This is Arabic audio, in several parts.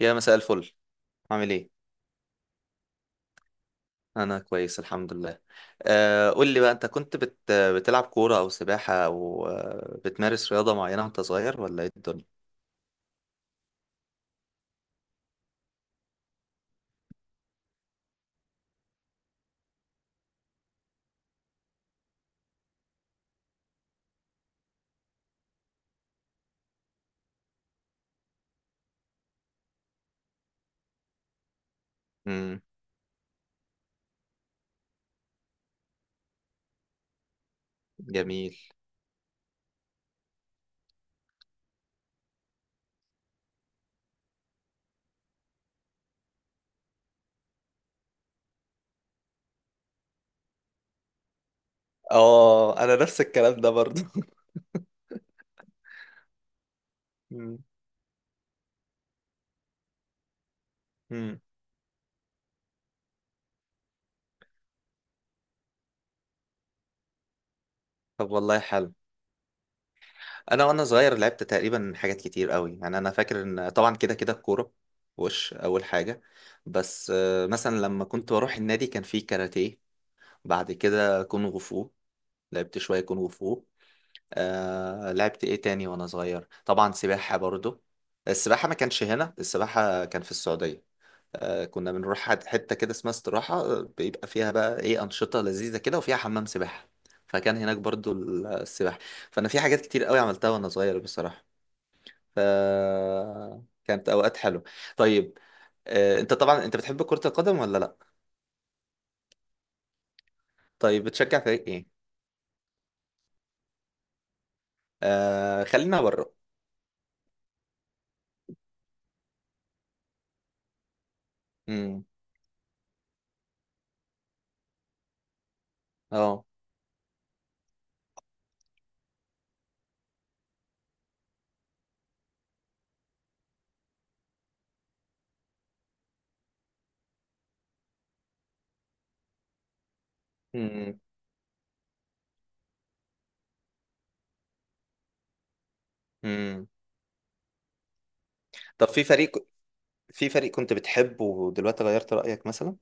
يا مساء الفل. عامل ايه؟ انا كويس الحمد لله. قول لي بقى، انت كنت بتلعب كورة او سباحة او بتمارس رياضة معينة وانت صغير، ولا ايه الدنيا؟ امم جميل. اه، انا نفس الكلام ده برضه مم. مم. طب والله حلو. انا وانا صغير لعبت تقريبا حاجات كتير قوي، يعني انا فاكر ان طبعا كده كده الكورة وش اول حاجة، بس مثلا لما كنت بروح النادي كان فيه كاراتيه، بعد كده كونغ فو، لعبت شوية كونغ فو. آه لعبت ايه تاني وانا صغير؟ طبعا سباحة برضو. السباحة ما كانش هنا، السباحة كان في السعودية. آه كنا بنروح حتة كده اسمها استراحة، بيبقى فيها بقى ايه أنشطة لذيذة كده وفيها حمام سباحة، فكان هناك برضو السباحة. فأنا في حاجات كتير قوي عملتها وانا صغير بصراحة. ف كانت أوقات حلوة. طيب، انت طبعا انت بتحب كرة القدم ولا لا؟ طيب بتشجع فريق ايه؟ خلينا بره. امم اه. امم امم طب في فريق، في فريق كنت بتحبه ودلوقتي غيرت رأيك مثلا؟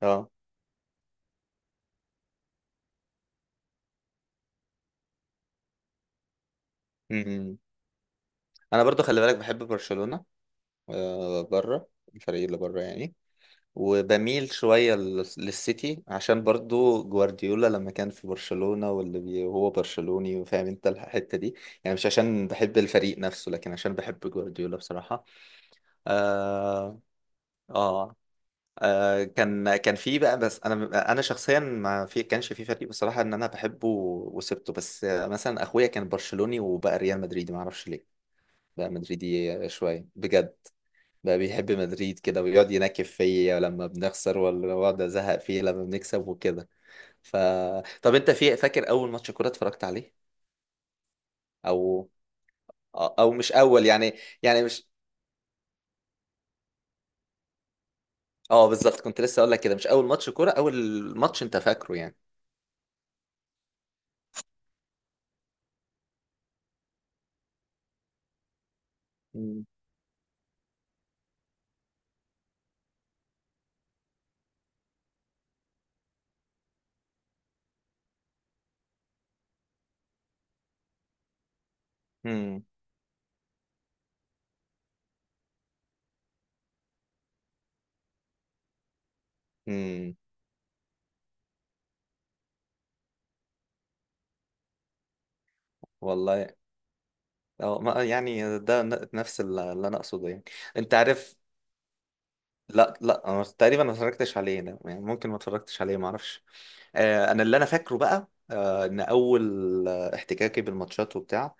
اه. امم انا برضو خلي بالك بحب برشلونة، بره، الفريق اللي بره يعني. وبميل شوية للسيتي، عشان برضو جوارديولا لما كان في برشلونة، وهو برشلوني وفاهم انت الحتة دي، يعني مش عشان بحب الفريق نفسه لكن عشان بحب جوارديولا بصراحة. اه, آه كان كان في بقى بس انا شخصيا ما في كانش في فريق بصراحه ان انا بحبه وسبته، بس مثلا اخويا كان برشلوني وبقى ريال مدريدي، ما اعرفش ليه. بقى مدريدي شويه بجد، بقى بيحب مدريد كده ويقعد ينكف فيا لما بنخسر، ولا يقعد ازهق فيه لما بنكسب وكده. ف طب انت في فاكر اول ماتش كوره اتفرجت عليه؟ او، او مش اول يعني، يعني مش، اه بالظبط، كنت لسه اقول لك كده مش اول ماتش كوره، اول ماتش انت فاكره يعني. امم امم والله اه، يعني ده نفس اللي انا اقصده يعني. انت عارف، لا لا انا تقريبا ما اتفرجتش عليه، ده يعني ممكن ما اتفرجتش عليه ما اعرفش. انا اللي انا فاكره بقى ان اول احتكاكي بالماتشات وبتاع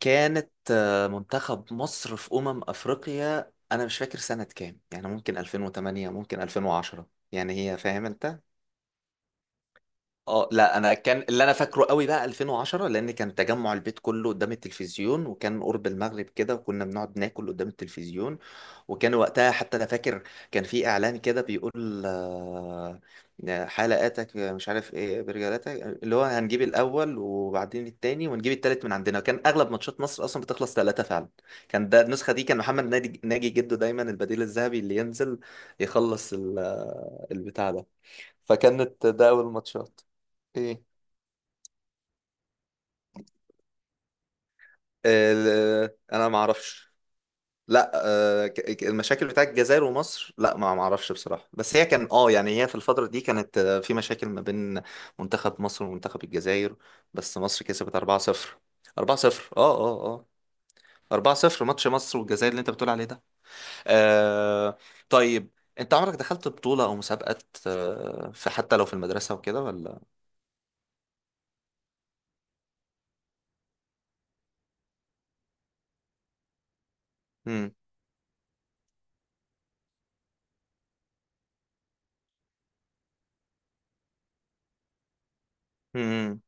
كانت منتخب مصر في افريقيا، انا مش فاكر سنة كام، يعني ممكن 2008 ممكن 2010، يعني هي فاهم انت. اه لا، انا كان اللي انا فاكره قوي بقى 2010، لان كان تجمع البيت كله قدام التلفزيون، وكان قرب المغرب كده وكنا بنقعد ناكل قدام التلفزيون، وكان وقتها حتى انا فاكر كان في اعلان كده بيقول حلقاتك مش عارف ايه برجالاتك، اللي هو هنجيب الاول وبعدين التاني ونجيب التالت من عندنا، كان اغلب ماتشات مصر اصلا بتخلص ثلاثة فعلا. كان ده النسخة دي، كان محمد ناجي ناجي جده دايما البديل الذهبي اللي ينزل يخلص البتاع ده. فكانت ده اول ماتشات. ايه انا ما اعرفش. لا، المشاكل بتاعت الجزائر ومصر لا ما ما اعرفش بصراحة، بس هي كان اه يعني هي في الفترة دي كانت في مشاكل ما بين منتخب مصر ومنتخب الجزائر. بس مصر كسبت 4-0. 4-0 اه اه اه. 4-0 ماتش مصر والجزائر اللي انت بتقول عليه ده. آه. طيب انت عمرك دخلت بطولة او مسابقات في حتى لو في المدرسة وكده ولا؟ امم امم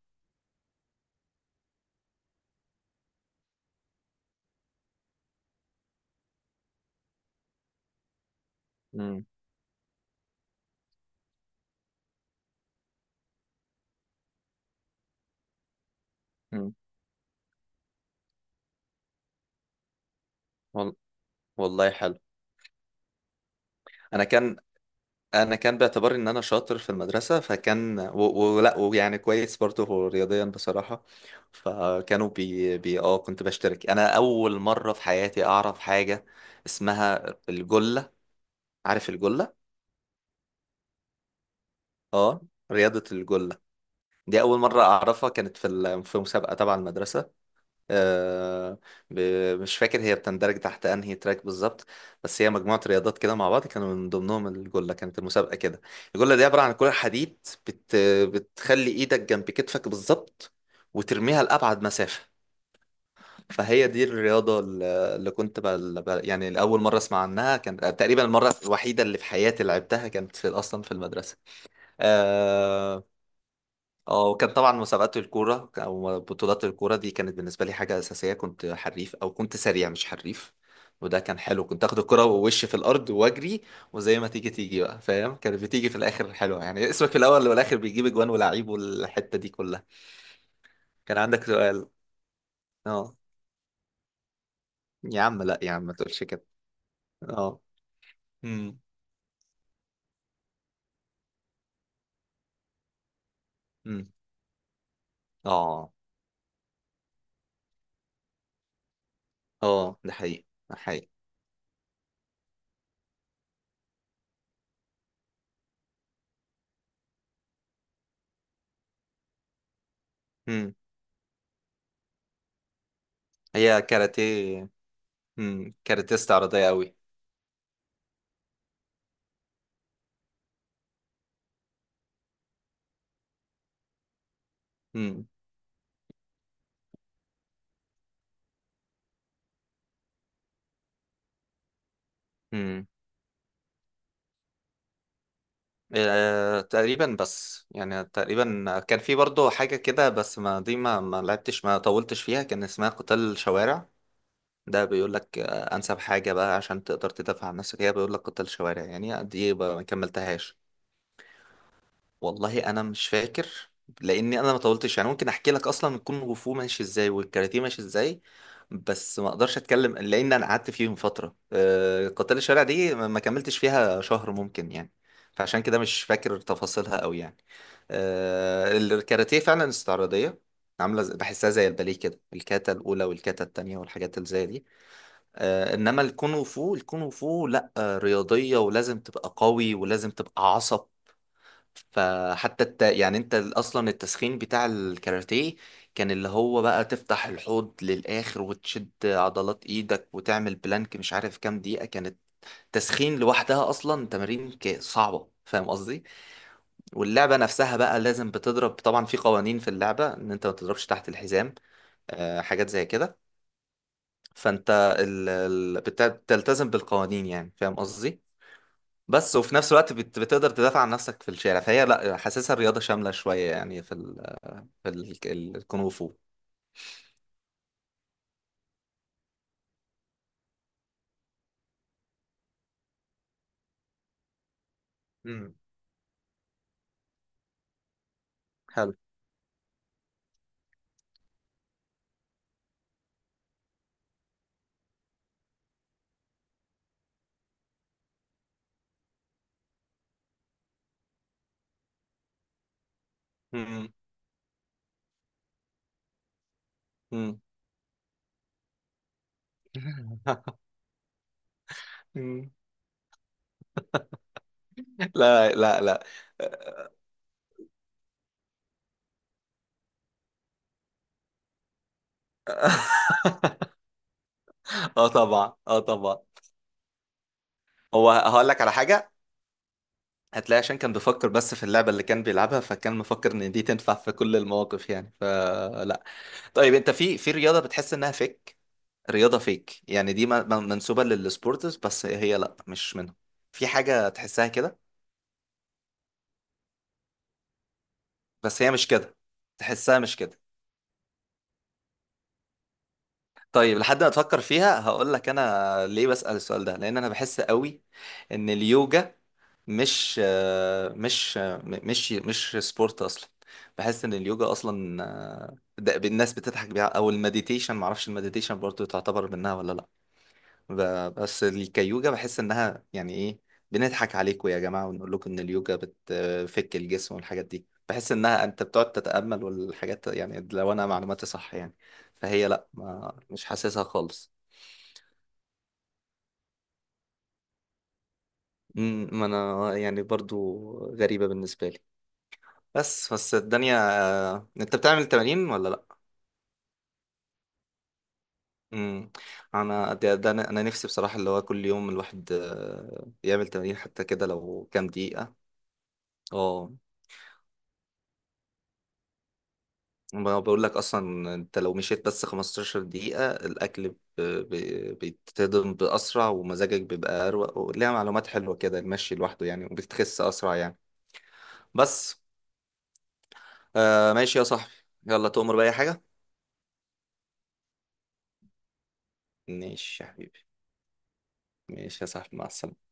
امم والله حلو. انا كان انا كان باعتبار ان انا شاطر في المدرسه، فكان ولا ويعني كويس برضه رياضيا بصراحه، فكانوا بي, بي اه كنت بشترك. انا اول مره في حياتي اعرف حاجه اسمها الجله. عارف الجله؟ اه، رياضه الجله. دي اول مره اعرفها، كانت في في مسابقه تبع المدرسه. آه، مش فاكر هي بتندرج تحت انهي تراك بالظبط، بس هي مجموعة رياضات كده مع بعض، كانوا من ضمنهم الجلة. كانت المسابقة كده، الجلة دي عبارة عن كرة حديد، بت بتخلي ايدك جنب كتفك بالظبط وترميها لأبعد مسافة. فهي دي الرياضة، اللي كنت يعني الأول مرة أسمع عنها كان تقريبا، المرة الوحيدة اللي في حياتي لعبتها كانت في، أصلا في المدرسة. آه، اه، وكان طبعا مسابقات الكورة أو بطولات الكورة دي كانت بالنسبة لي حاجة أساسية، كنت حريف أو كنت سريع مش حريف، وده كان حلو. كنت آخد الكرة ووش في الأرض وأجري، وزي ما تيجي تيجي بقى فاهم، كانت بتيجي في الآخر حلوة يعني، اسمك في الأول والآخر بيجيب أجوان ولاعيب والحتة دي كلها. كان عندك سؤال؟ اه، يا عم لا يا عم ما تقولش كده. اه. امم امم اه اه، ده حقيقي، ده حقيقي. امم هي كاراتيه. كاراتيه استعراضية أوي. امم تقريبا، بس يعني تقريبا كان في برضه حاجة كده، بس ما لعبتش ما طولتش فيها، كان اسمها قتال شوارع. ده بيقول لك أنسب حاجة بقى عشان تقدر تدافع عن نفسك هي، بيقول لك قتال شوارع. يعني دي ما كملتهاش. والله انا مش فاكر، لاني انا ما طولتش يعني. ممكن احكي لك اصلا الكونغ فو ماشي ازاي والكاراتيه ماشي ازاي، بس ما اقدرش اتكلم، لان انا قعدت فيهم فتره، قتال الشارع دي ما ما كملتش فيها شهر ممكن، يعني فعشان كده مش فاكر تفاصيلها قوي يعني. الكاراتيه فعلا استعراضيه، عامله زي، بحسها زي الباليه كده، الكاتا الاولى والكاتا التانية والحاجات اللي زي دي. انما الكونغ فو، الكونغ فو لا، رياضيه ولازم تبقى قوي ولازم تبقى عصب. فحتى يعني انت اصلا التسخين بتاع الكاراتيه كان اللي هو بقى تفتح الحوض للاخر وتشد عضلات ايدك وتعمل بلانك مش عارف كام دقيقة كانت، تسخين لوحدها اصلا تمارين صعبة فاهم قصدي. واللعبة نفسها بقى لازم بتضرب، طبعا في قوانين في اللعبة ان انت ما تضربش تحت الحزام، حاجات زي كده، فانت بتلتزم بالقوانين يعني فاهم قصدي. بس وفي نفس الوقت بتقدر تدافع عن نفسك في الشارع، فهي لا حاسسها رياضة شاملة شوية يعني في الكونغ فو. امم حلو. مم. مم. مم. لا لا لا. اه طبعا اه طبعا. هو هقول لك على حاجه، هتلاقي عشان كان بيفكر بس في اللعبه اللي كان بيلعبها، فكان مفكر ان دي تنفع في كل المواقف يعني، فلا. طيب انت في رياضه بتحس انها فيك؟ رياضه فيك يعني دي منسوبه للسبورتس بس هي لا مش منهم، في حاجه تحسها كده بس هي مش كده، تحسها مش كده. طيب لحد ما تفكر فيها هقول لك انا ليه بسأل السؤال ده، لان انا بحس قوي ان اليوجا مش، مش سبورت اصلا. بحس ان اليوجا اصلا، ده الناس بتضحك بيها، او المديتيشن، معرفش المديتيشن برضو تعتبر منها ولا لا، بس كيوجا بحس انها يعني ايه، بنضحك عليكم يا جماعة ونقول لكم ان اليوجا بتفك الجسم والحاجات دي. بحس انها انت بتقعد تتأمل والحاجات، يعني لو انا معلوماتي صح يعني، فهي لا ما مش حاسسها خالص. ما انا يعني برضو غريبة بالنسبة لي، بس بس الدنيا. انت بتعمل تمارين ولا لا؟ امم انا ده, ده انا أنا نفسي بصراحة اللي هو كل يوم الواحد يعمل تمارين حتى كده لو كام دقيقة. اه، ما بقول لك اصلا انت لو مشيت بس 15 دقيقة، الاكل بيتهضم باسرع، ومزاجك بيبقى اروق، وليها معلومات حلوة كده المشي لوحده يعني، وبتخس اسرع يعني. بس. آه ماشي يا صاحبي، يلا تؤمر بأي حاجة. ماشي يا حبيبي. ماشي يا صاحبي، مع السلامة.